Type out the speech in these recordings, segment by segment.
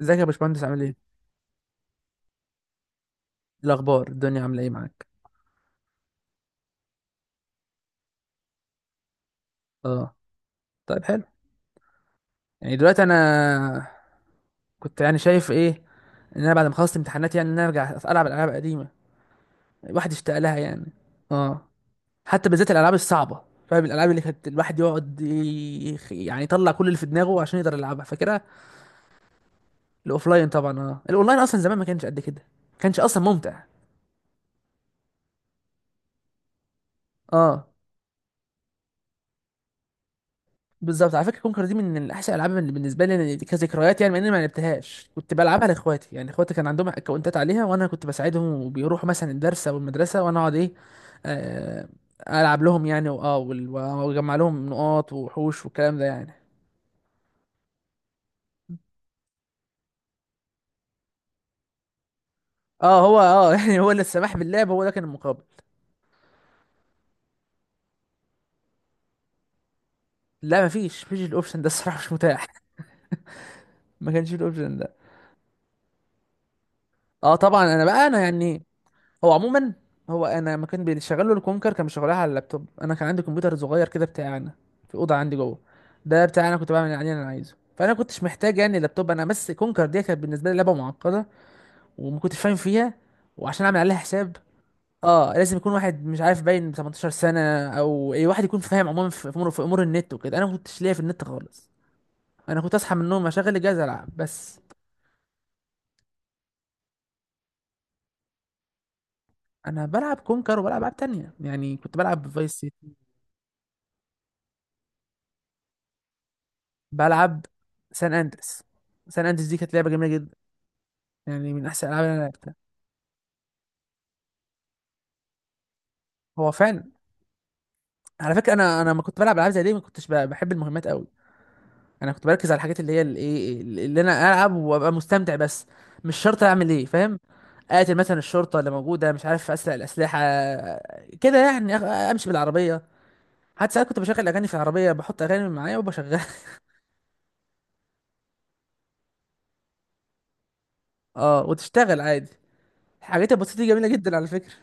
ازيك يا باشمهندس عامل ايه؟ إيه الاخبار الدنيا عامله ايه معاك؟ اه، طيب حلو. يعني دلوقتي انا كنت يعني شايف ايه ان انا بعد ما خلصت امتحانات يعني ان انا ارجع العب الالعاب القديمه. الواحد اشتاق لها يعني. اه، حتى بالذات الالعاب الصعبه. فاهم الالعاب اللي كانت الواحد يقعد يطلع كل اللي في دماغه عشان يقدر يلعبها فاكرها. الاوفلاين طبعا، اه الاونلاين اصلا زمان ما كانش قد كده. ما كانش اصلا ممتع. اه، بالظبط، على فكره كونكر دي من احسن الالعاب اللي بالنسبه لي يعني كذكريات. يعني مع اني ما لعبتهاش كنت بلعبها لاخواتي، يعني اخواتي كان عندهم اكونتات عليها وانا كنت بساعدهم وبيروحوا مثلا الدرس او المدرسه وانا اقعد ايه، آه، العب لهم يعني، واجمع لهم نقاط وحوش والكلام ده يعني. اه هو اه يعني هو اللي السماح باللعب هو ده كان المقابل. لا، مفيش الاوبشن ده الصراحه، مش متاح. ما كانش فيه الاوبشن ده. اه طبعا، انا بقى انا يعني هو عموما، هو انا لما كان بيشغله الكونكر كان بيشغلها على اللابتوب، انا كان عندي كمبيوتر صغير كده بتاعي انا، في اوضه عندي جوه. ده بتاعي انا كنت بعمل عليه اللي انا عايزه، فانا كنتش محتاج يعني لابتوب. انا بس كونكر دي كانت بالنسبه لي لعبه معقده، وما كنتش فاهم فيها. وعشان اعمل عليها حساب اه لازم يكون واحد مش عارف باين 18 سنه، او اي واحد يكون فاهم عموما في امور، في امور النت وكده. انا ما كنتش ليا في النت خالص. انا كنت اصحى من النوم اشغل الجهاز العب بس. انا بلعب كونكر وبلعب العاب تانية، يعني كنت بلعب فايس، بلعب سان اندريس. سان اندريس دي كانت لعبه جميله جدا، يعني من احسن الالعاب اللي انا لعبتها. هو فعلا، على فكره انا ما كنت بلعب العاب زي دي، ما كنتش بحب المهمات قوي. انا كنت بركز على الحاجات اللي هي الايه اللي انا العب وابقى مستمتع بس. مش شرط اعمل ايه، فاهم. اقتل مثلا الشرطه اللي موجوده، مش عارف اسرق الاسلحه كده يعني، امشي بالعربيه. حتى ساعات كنت بشغل اغاني في العربيه، بحط اغاني معايا وبشغلها. اه، وتشتغل عادي. الحاجات البسيطه دي جميله جدا على فكره.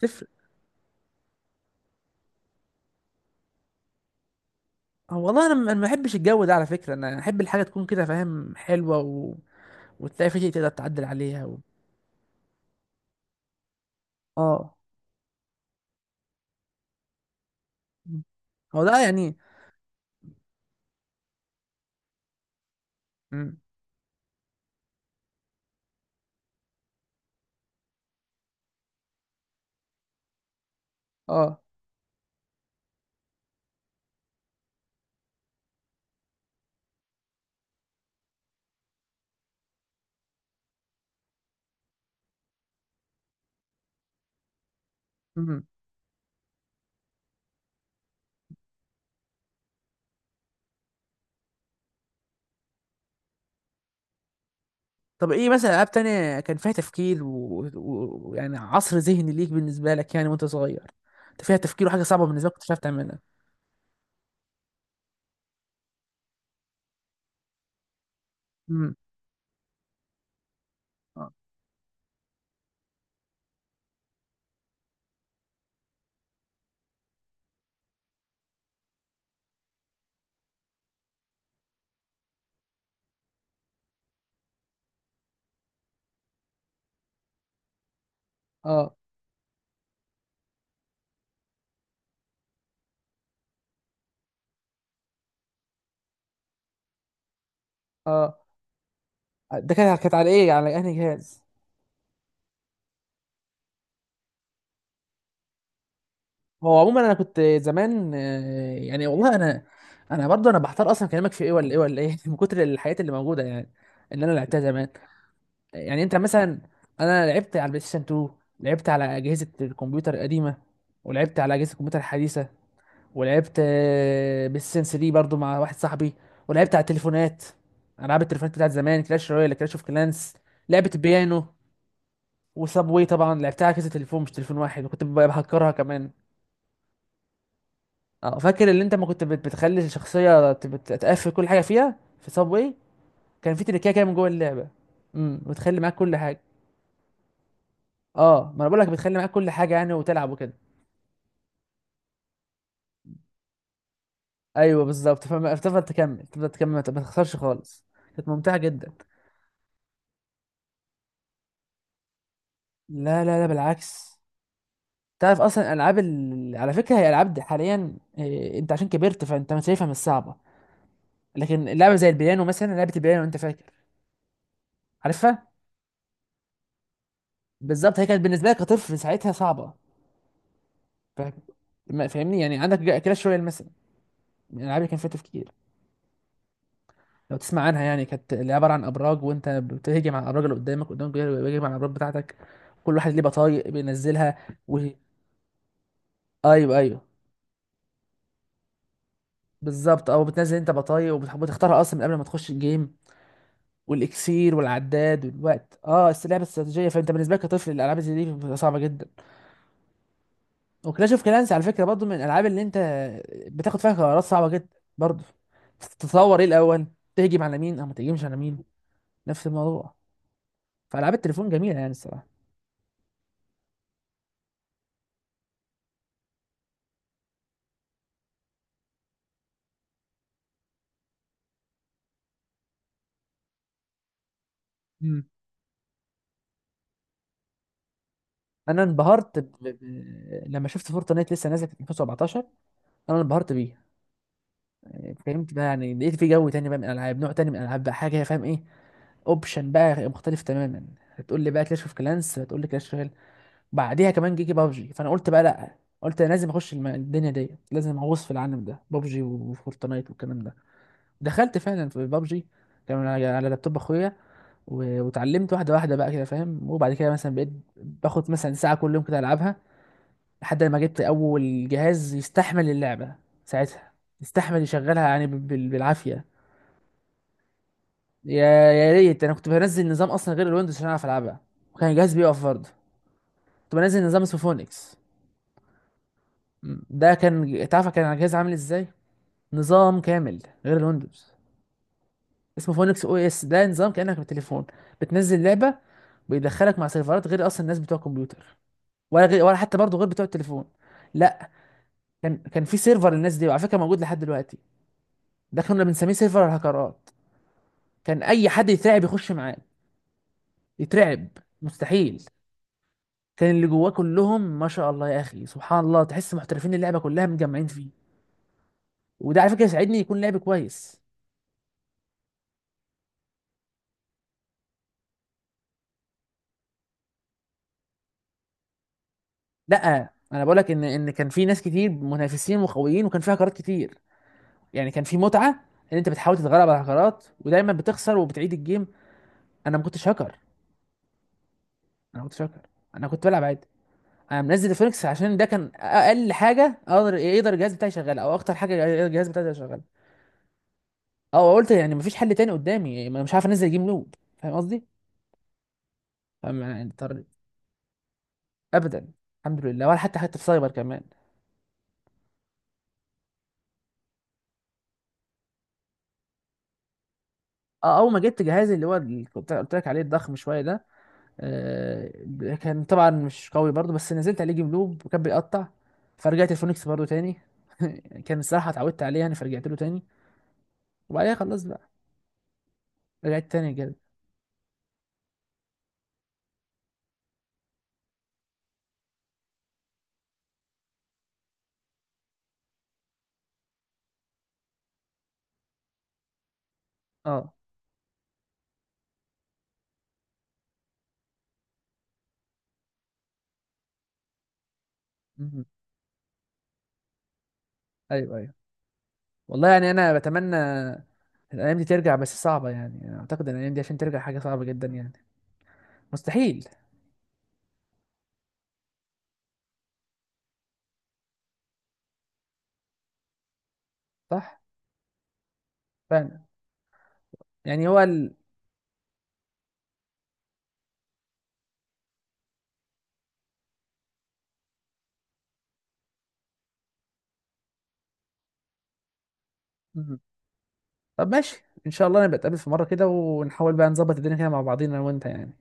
تفرق. هو والله انا ما بحبش الجو ده على فكره. انا احب الحاجه تكون كده فاهم، حلوه، و... وتلاقي في شيء تقدر تعدل عليها. و... اه، مم. هو ده يعني. مم. اه، مم. طب ايه مثلا العاب تانية كان فيها تفكير ويعني، و... و... يعني عصر ذهني ليك بالنسبه لك يعني وانت صغير، انت فيها تفكير وحاجه صعبه بالنسبه لك كنت مش عارف تعملها. مم. اه، اه، اه، ده كانت على ايه، على انهي جهاز؟ هو عموما انا كنت زمان آه، يعني والله انا، انا برضه انا بحتار اصلا كلامك في ايه ولا ايه ولا ايه من كتر الحاجات اللي موجوده يعني اللي انا لعبتها زمان. يعني انت مثلا، انا لعبت على البلاي ستيشن 2، لعبت على اجهزه الكمبيوتر القديمه، ولعبت على اجهزه الكمبيوتر الحديثه، ولعبت آه، بلاي ستيشن 3 برضه مع واحد صاحبي، ولعبت على التليفونات، العاب التليفونات بتاعت زمان، كلاش رويال، كلاش اوف كلانس، لعبه البيانو. وسابوي طبعا لعبتها على كذا تليفون، مش تليفون واحد، وكنت بهكرها كمان. اه فاكر اللي انت ما كنت بتخلي الشخصيه تقفل كل حاجه فيها في صاب واي. كان في تريكايه كده من جوه اللعبه. امم، وتخلي معاك كل حاجه. اه ما انا بقول لك بتخلي معاك كل حاجه يعني، وتلعب وكده. ايوه بالظبط، فما تفضل تكمل تفضل تكمل، ما تخسرش خالص. كانت ممتعه جدا. لا لا لا، بالعكس. تعرف اصلا العاب ال... على فكره هي العاب دي حاليا إيه... انت عشان كبرت فانت ما شايفها مش صعبه. لكن لعبه زي البيانو مثلا، لعبه البيانو انت فاكر، عارفها. بالظبط، هي كانت بالنسبه لك كطفل ساعتها صعبه. فاهم، ما فاهمني يعني. عندك كلاش رويال مثلا، من الالعاب اللي كان فيها تفكير. لو تسمع عنها يعني، كانت اللي عباره عن ابراج وانت بتهجم على الابراج اللي قدامك، قدامك بيهجم على الابراج بتاعتك. كل واحد ليه بطايق بينزلها. و... ايوه، ايوه، بالظبط. او بتنزل انت بطايق وبتحب تختارها اصلا من قبل ما تخش الجيم، والاكسير والعداد والوقت. اه، بس لعبه استراتيجيه، فانت بالنسبه لك كطفل الالعاب زي دي بتبقى صعبه جدا. وكلاش اوف كلانس على فكره برضو من الالعاب اللي انت بتاخد فيها قرارات صعبه جدا برضو. تتصور ايه الاول، تهجم على مين او ما تهجمش على مين. نفس الموضوع. فالعاب التليفون جميله يعني الصراحه. مم. انا انبهرت ب... ب... لما شفت فورتنايت لسه نازله في 2017، انا انبهرت بيه. يعني فهمت بقى، يعني لقيت في جو تاني بقى من الالعاب، نوع تاني من الالعاب، بقى حاجه فاهم ايه، اوبشن بقى مختلف تماما. هتقول لي بقى كلاش اوف كلانس، هتقول لي كلاش اوف، بعديها كمان جيجي بابجي، فانا قلت بقى لا. قلت انا لازم اخش الدنيا ديت، لازم اغوص في العالم ده، بابجي وفورتنايت والكلام ده. دخلت فعلا في بابجي. كان على على لابتوب اخويا، واتعلمت واحده واحده بقى كده فاهم، وبعد كده مثلا بقيت باخد مثلا ساعه كل يوم كده العبها، لحد ما جبت اول جهاز يستحمل اللعبه ساعتها، يستحمل يشغلها يعني بالعافيه. يا يا ريت، انا كنت بنزل نظام اصلا غير الويندوز عشان اعرف العبها، وكان الجهاز بيقف برضه. كنت بنزل نظام اسمه فونكس. ده كان تعرف كان على الجهاز عامل ازاي، نظام كامل غير الويندوز، اسمه فونكس او اس. ده نظام كانك بالتليفون بتنزل لعبه، بيدخلك مع سيرفرات غير اصلا الناس بتوع الكمبيوتر، ولا غير، ولا حتى برضه غير بتوع التليفون. لا، كان في سيرفر للناس دي، وعلى فكره موجود لحد دلوقتي. ده كنا بنسميه سيرفر الهكرات. كان اي حد يترعب يخش معاه. يترعب، مستحيل. كان اللي جواه كلهم ما شاء الله يا اخي سبحان الله، تحس محترفين اللعبه كلها متجمعين فيه. وده على فكره يساعدني يكون لعب كويس. لا انا بقول لك ان كان في ناس كتير منافسين وقويين وكان في هكرات كتير، يعني كان في متعه ان انت بتحاول تتغلب على الهكرات ودايما بتخسر وبتعيد الجيم. انا ما كنتش هاكر. انا ما كنتش هاكر، انا كنت بلعب عادي. انا منزل الفينكس عشان ده كان اقل حاجه اقدر، يقدر الجهاز بتاعي يشغلها، او اكتر حاجه يقدر الجهاز بتاعي يشغلها. اه قلت يعني مفيش حل تاني قدامي، ما أنا مش عارف انزل جيم لود فاهم قصدي، فما يعني اضطريت. ابدا، الحمد لله، ولا حتى في سايبر كمان. اه، اول ما جبت جهازي اللي هو اللي كنت قلت لك عليه الضخم شويه ده، آه، كان طبعا مش قوي برضو، بس نزلت عليه جيم لوب وكان بيقطع، فرجعت الفونكس برضو تاني. كان الصراحة اتعودت عليه يعني، فرجعت له تاني. وبعدها خلاص بقى، رجعت تاني جد. اه، مهم. ايوه، ايوه، والله يعني انا بتمنى الايام دي ترجع، بس صعبة يعني، أنا اعتقد ان الايام دي عشان ترجع حاجة صعبة جدا يعني، مستحيل. صح، فعلا. يعني هو ال... مهم. طب ماشي ان شاء الله نبقى نتقابل في مرة كده، ونحاول بقى نظبط الدنيا كده مع بعضينا انا وانت يعني.